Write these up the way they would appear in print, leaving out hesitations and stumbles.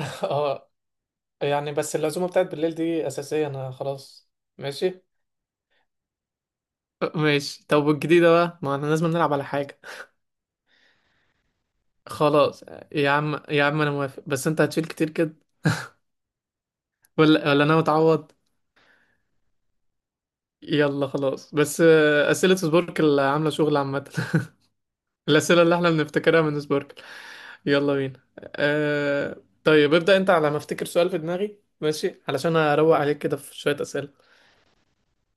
اه. يعني بس العزومة بتاعت بالليل دي أساسية، أنا خلاص. ماشي، ماشي. طب والجديدة بقى، ما احنا لازم نلعب على حاجة. خلاص، يا عم يا عم، انا موافق، بس انت هتشيل كتير كده. ولا ولا، انا متعوض. يلا خلاص، بس أسئلة سبوركل عاملة شغل، عامة. الأسئلة اللي احنا بنفتكرها من سبوركل. يلا بينا. أه... طيب، ابدأ انت. على ما افتكر سؤال في دماغي، ماشي، علشان اروق عليك كده في شوية أسئلة.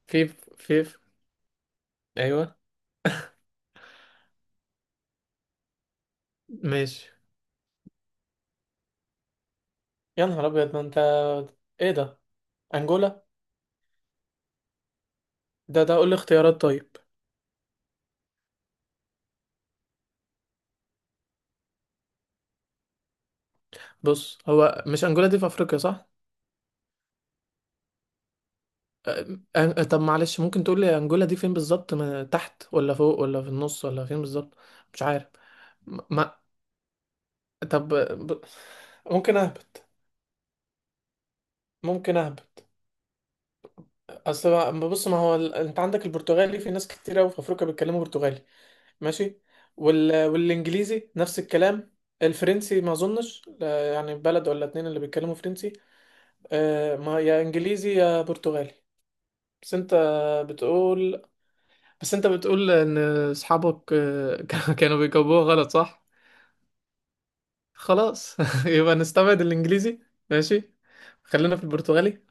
فيف فيف. ايوه. ماشي. يا نهار أبيض، ما أنت... إيه ده؟ انجولا؟ ده، ده قول لي اختيارات، طيب. بص، هو مش انجولا دي في افريقيا، صح؟ طب معلش، ممكن تقول لي انجولا دي فين بالظبط، تحت ولا فوق ولا في النص ولا فين بالظبط؟ مش عارف. ما... طب. ممكن اهبط ممكن اهبط. اصل بص، ما هو انت عندك البرتغالي، في ناس كتير قوي في افريقيا بيتكلموا برتغالي. ماشي. والانجليزي نفس الكلام. الفرنسي ما اظنش، لا، يعني بلد ولا اتنين اللي بيتكلموا فرنسي. ما يا انجليزي يا برتغالي. بس انت بتقول بس انت بتقول ان اصحابك كانوا بيجاوبوها غلط، صح؟ خلاص. يبقى نستبعد الانجليزي. ماشي، خلينا في البرتغالي.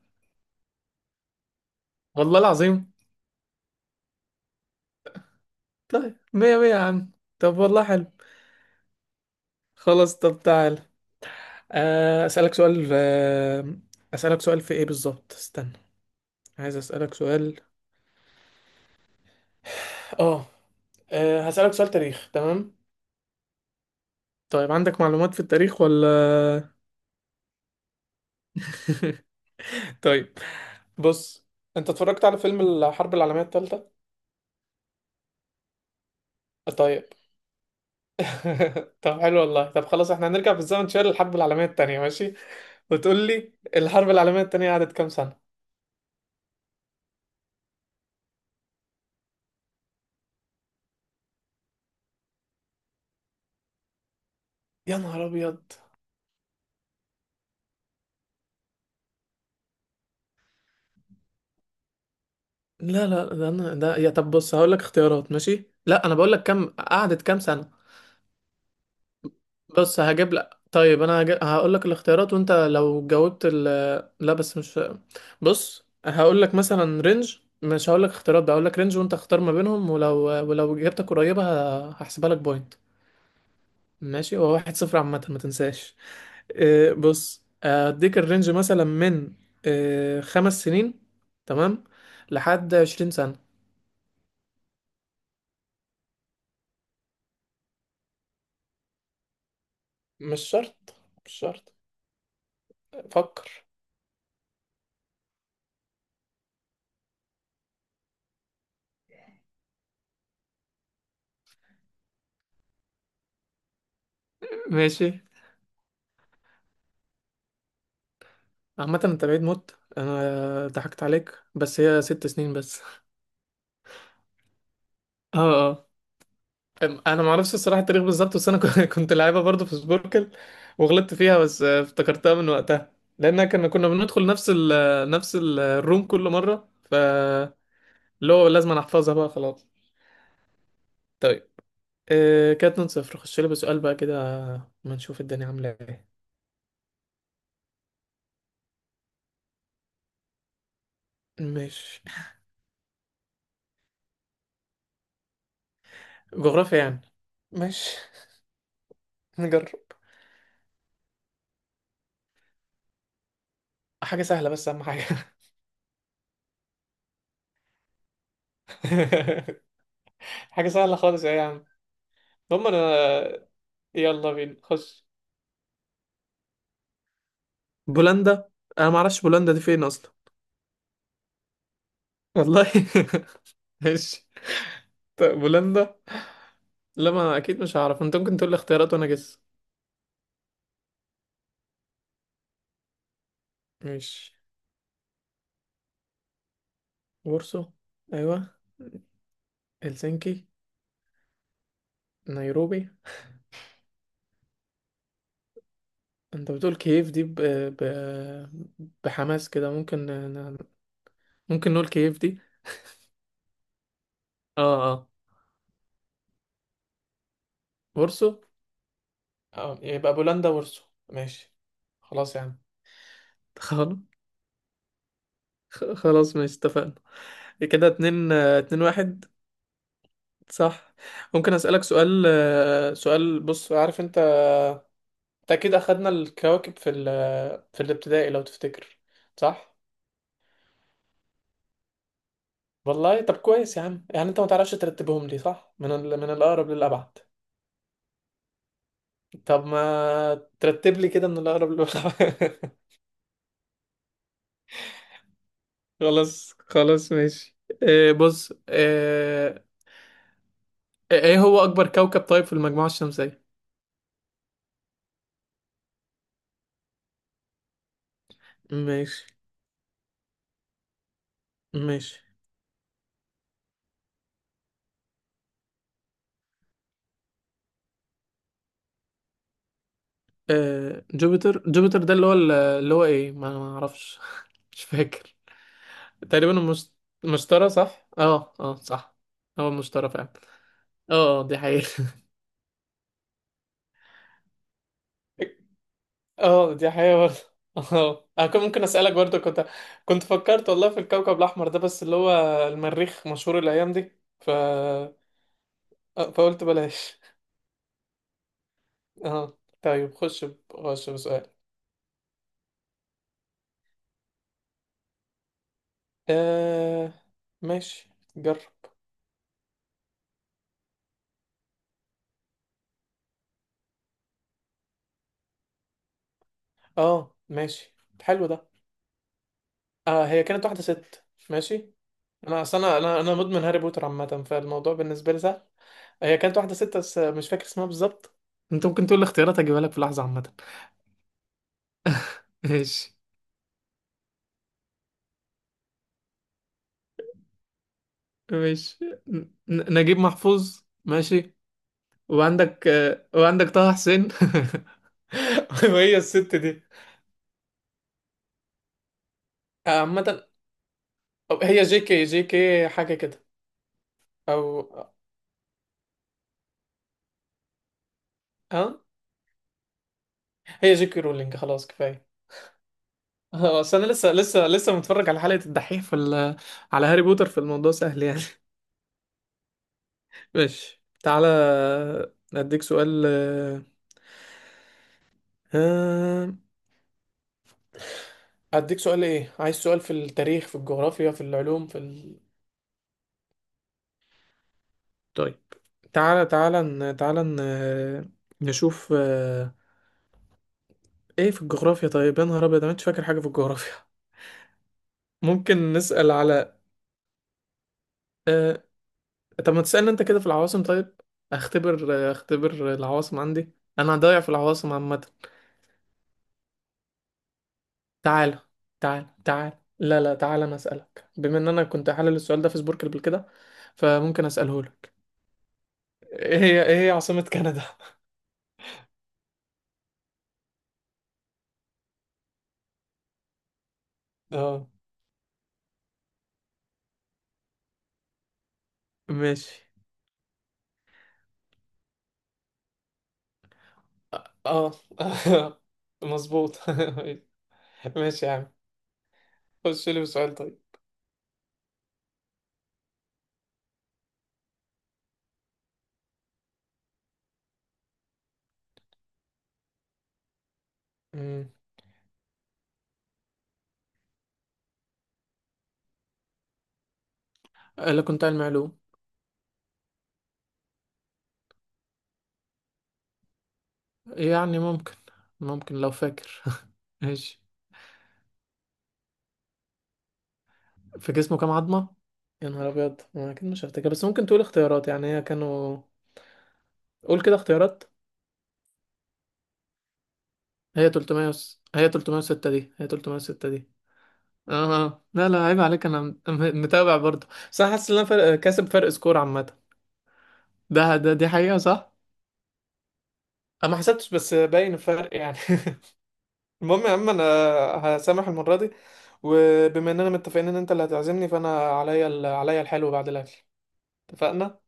والله العظيم. طيب، مية مية يا عم. طب والله حلو. خلاص، طب تعال. آه، اسالك سؤال آه، اسالك سؤال في ايه بالظبط، استنى. عايز اسالك سؤال. اه. هسالك سؤال تاريخ، تمام؟ طيب عندك معلومات في التاريخ ولا؟ طيب بص، انت اتفرجت على فيلم الحرب العالمية التالتة؟ طيب. طب حلو، والله. طب خلاص، احنا هنرجع بالزمن شوية للحرب العالمية التانية، ماشي. وتقول لي الحرب العالمية التانية قعدت كام سنة؟ يا نهار ابيض. لا لا، ده انا ده، يا، طب بص هقول لك اختيارات، ماشي؟ لا انا بقول لك قعدت كام سنة. بص، هجيب لك. طيب انا هقول لك الاختيارات، وانت لو جاوبت لا، بس مش... بص، هقول لك مثلا رينج، مش هقول لك اختيارات، بقى هقول لك رينج وانت اختار ما بينهم، ولو ولو اجابتك قريبه، هحسبها لك بوينت. ماشي. هو 1-0، عامه ما تنساش. إيه، بص اديك الرينج مثلا من... إيه، 5 سنين. تمام. لحد 20 سنه. مش شرط، مش شرط. فكر. ماشي. عامة انت بعيد موت، انا ضحكت عليك، بس هي 6 سنين بس. اه اه. انا معرفش الصراحة التاريخ بالظبط، بس انا كنت لعيبة برضه في سبوركل. وغلطت فيها، بس افتكرتها من وقتها. لان كنا بندخل نفس الروم كل مرة، اللي هو لازم أنا احفظها بقى، خلاص. طيب. كده 2-0، خش لي بسؤال بقى كده. ما نشوف الدنيا عاملة ايه. ماشي. جغرافيا يعني. ماشي، نجرب. حاجة سهلة، بس أهم حاجة. حاجة سهلة خالص، ايه... هم، انا... يلا بينا، خش. بولندا. انا ما اعرفش بولندا دي فين اصلا. والله. ماشي. طيب، بولندا. لا، ما اكيد مش هعرف. انت ممكن تقول لي اختيارات وانا جس. ماشي. وورسو؟ ايوه. هلسنكي. نيروبي. انت بتقول كييف دي بحماس كده. ممكن ممكن نقول كييف دي؟ اه اه. وورسو. اه، يبقى بولندا وورسو. ماشي. خلاص يا عم. خلاص. خلاص ماشي، اتفقنا. كده اتنين اتنين واحد. صح. ممكن اسألك سؤال، سؤال. بص، عارف انت، انت اكيد اخدنا الكواكب في في الابتدائي، لو تفتكر، صح. والله. طب كويس يا عم. يعني انت ما تعرفش ترتبهم لي، صح، من من الاقرب للابعد. طب ما ترتب لي كده من الاقرب للابعد. خلاص، خلاص، ماشي. بص. ايه هو اكبر كوكب، طيب، في المجموعة الشمسية؟ ماشي، ماشي. جوبيتر. ده اللي هو، اللي هو ايه، ما اعرفش. مش فاكر. تقريبا المشتري، صح. اه اه، صح. هو المشتري فعلا. اه اه، دي حقيقة. اه، دي حقيقة برضه. اه، انا كنت ممكن اسألك برضه، كنت... كنت فكرت والله في الكوكب الاحمر ده، بس اللي هو المريخ مشهور الايام دي، ف آه، فقلت بلاش. اه، طيب، خش بسؤال. آه... ماشي، جرب. اه، ماشي. حلو ده. هي كانت واحدة ست، ماشي. انا اصل انا مدمن هاري بوتر، عامة، فالموضوع بالنسبة لي سهل. هي كانت واحدة ست بس مش فاكر اسمها بالظبط. انت ممكن تقول الاختيارات، اجيبها لك في لحظة، عامة. ماشي. ماشي، ن- نجيب محفوظ. ماشي. وعندك طه حسين. وهي الست دي. عامة. أو هي جي كي، حاجة كده، او، ها. هي جي كي رولينج، خلاص كفاية. اصل انا لسه متفرج على حلقة الدحيح في على هاري بوتر، في الموضوع سهل يعني. ماشي، تعالى. اديك سؤال. آه، ايه، عايز سؤال، في التاريخ، في الجغرافيا، في العلوم، في طيب، تعالى تعالى، تعالى، نشوف. ايه في الجغرافيا، طيب. يا نهار ابيض، انا مش فاكر حاجة في الجغرافيا. ممكن نسأل على... آه، طب ما تسألني انت كده في العواصم، طيب. اختبر، اختبر العواصم عندي. انا ضايع في العواصم عامة. تعال، تعال، تعال. لا لا، تعال انا اسالك بما ان انا كنت حلل السؤال ده في سبورك قبل كده، فممكن اساله لك. ايه هي عاصمة كندا؟ اه، ماشي. اه. مظبوط. ماشي يا عم. خش لي بسؤال طيب. امم لا كنت علم علوم. يعني ممكن، لو فاكر. ماشي. في جسمه كام عظمة؟ يا نهار ابيض، أنا اكيد مش هفتكر، بس ممكن تقول اختيارات، يعني هي كانوا... قول كده اختيارات. هي 300 هي 306 دي. اه اه. لا لا، عيب عليك، انا متابع برضه. بس انا حاسس ان انا كاسب فرق سكور، عامه. ده، دي حقيقه، صح. انا ما حسبتش بس باين الفرق يعني. المهم يا عم، انا هسامح المره دي، وبما اننا متفقين ان انت اللي هتعزمني، فانا عليا عليا الحلو بعد الاكل. اتفقنا.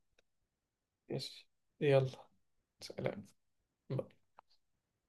ماشي. يلا. سلام.